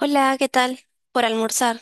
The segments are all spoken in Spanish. Hola, ¿qué tal? Por almorzar.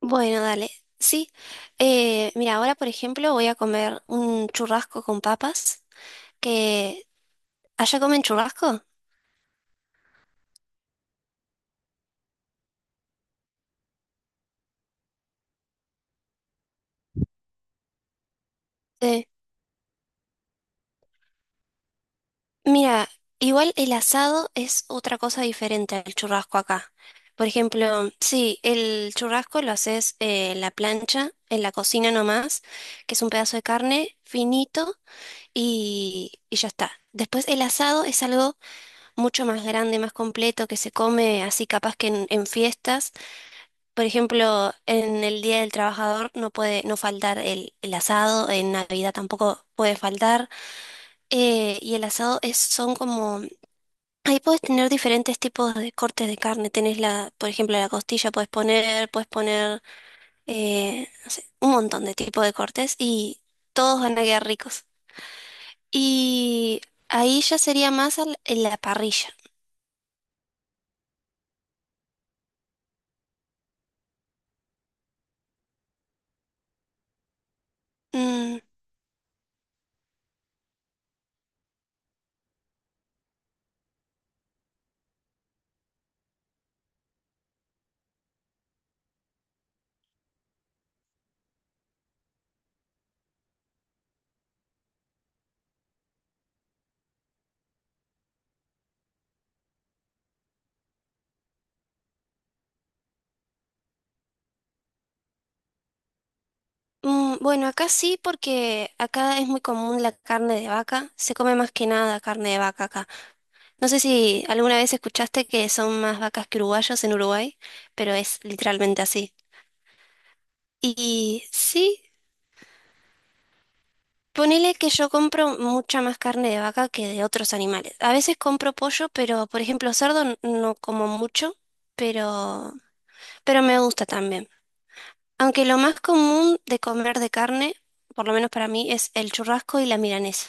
Bueno, dale. Sí. Mira, ahora, por ejemplo, voy a comer un churrasco con papas, que allá comen churrasco. Eh, Mira, igual el asado es otra cosa diferente al churrasco acá. Por ejemplo, sí, el churrasco lo haces en la plancha, en la cocina nomás, que es un pedazo de carne finito y ya está. Después el asado es algo mucho más grande, más completo, que se come así capaz que en fiestas. Por ejemplo, en el Día del Trabajador no puede no faltar el asado, en Navidad tampoco puede faltar. Y el asado es, son como... Ahí puedes tener diferentes tipos de cortes de carne. Tenés la, por ejemplo, la costilla puedes poner, no sé, un montón de tipos de cortes y todos van a quedar ricos. Y ahí ya sería en la parrilla. Mm. Mm, bueno, acá sí, porque acá es muy común la carne de vaca. Se come más que nada carne de vaca acá. No sé si alguna vez escuchaste que son más vacas que uruguayos en Uruguay, pero es literalmente así. Y sí, ponele que yo compro mucha más carne de vaca que de otros animales. A veces compro pollo, pero por ejemplo cerdo no como mucho, pero, pero me gusta también. Aunque lo más común de comer de carne, por lo menos para mí, es el churrasco y la milanesa.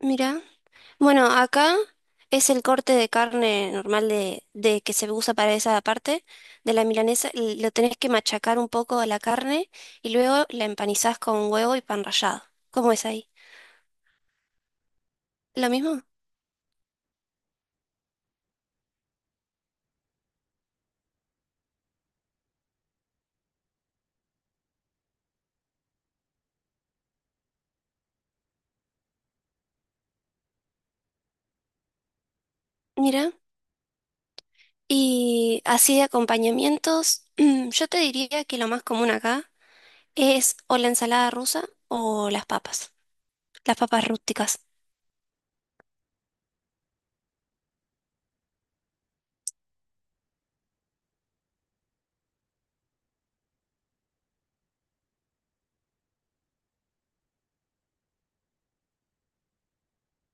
Mira. Bueno, acá es el corte de carne normal de que se usa para esa parte de la milanesa. Lo tenés que machacar un poco a la carne y luego la empanizás con huevo y pan rallado. ¿Cómo es ahí? ¿Lo mismo? Mira. Y así de acompañamientos, yo te diría que lo más común acá es o la ensalada rusa o las papas rústicas.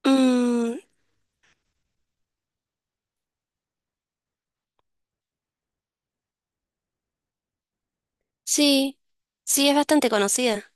Mm, sí, sí, es bastante conocida.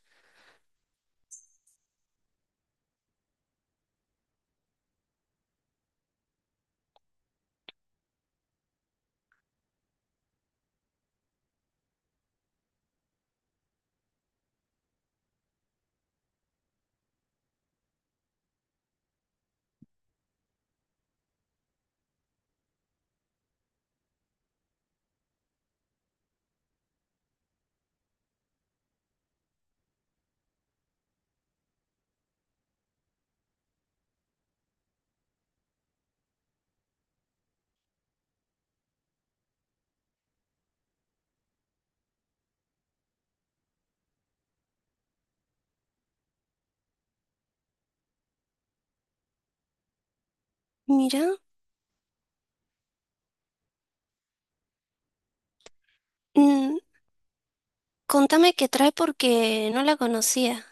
Mira. Mm, contame qué trae porque no la conocía.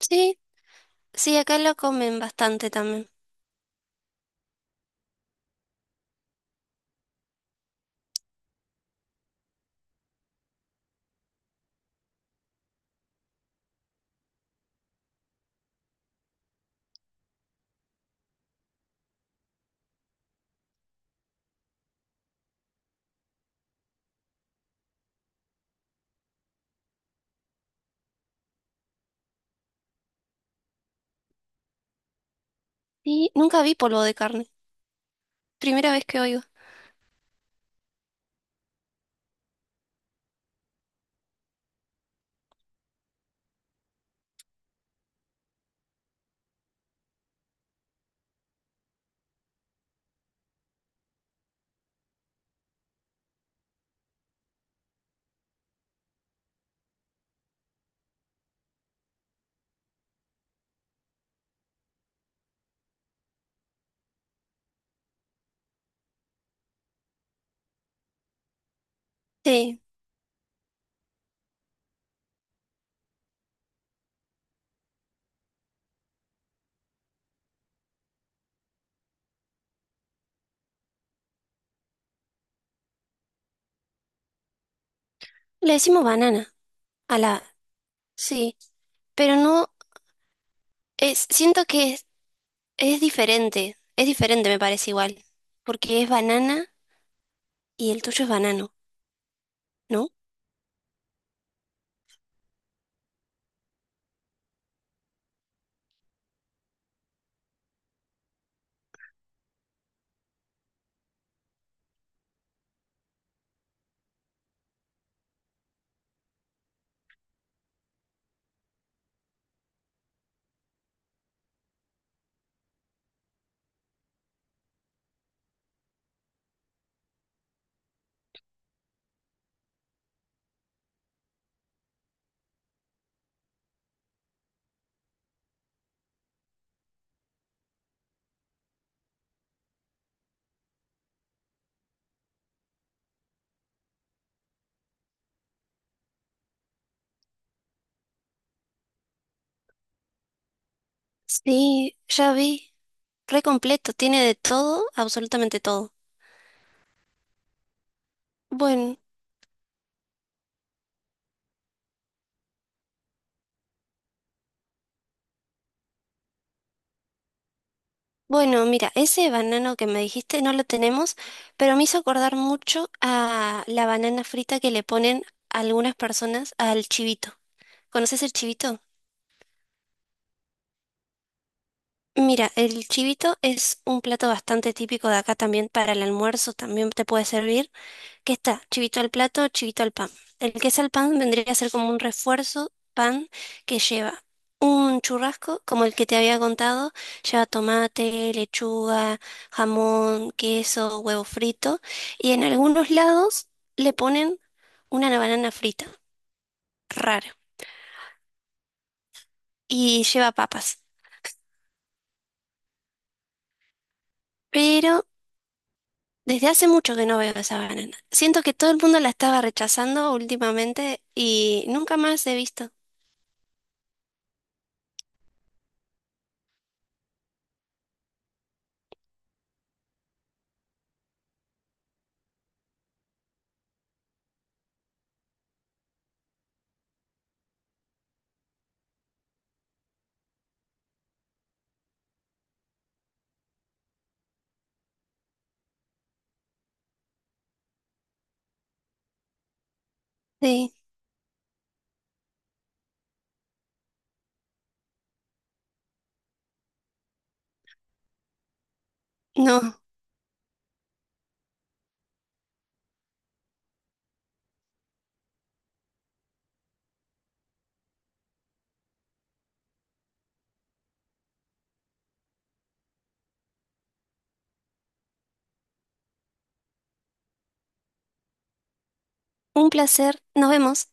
Sí, sí, acá la comen bastante también. Y nunca vi polvo de carne. Primera vez que oigo. Sí, le decimos banana a la... Sí, pero no... Es, siento que es diferente. Es diferente, me parece igual. Porque es banana y el tuyo es banano, ¿no? Sí, ya vi. Re completo. Tiene de todo, absolutamente todo. Bueno. Bueno, mira, ese banano que me dijiste no lo tenemos, pero me hizo acordar mucho a la banana frita que le ponen algunas personas al chivito. ¿Conoces el chivito? Mira, el chivito es un plato bastante típico de acá también para el almuerzo, también te puede servir. ¿Qué está? Chivito al plato, chivito al pan. El queso al pan vendría a ser como un refuerzo pan que lleva un churrasco, como el que te había contado, lleva tomate, lechuga, jamón, queso, huevo frito, y en algunos lados le ponen una banana frita, raro, y lleva papas. Pero desde hace mucho que no veo esa banana. Siento que todo el mundo la estaba rechazando últimamente y nunca más he visto. Sí, no. Un placer, nos vemos.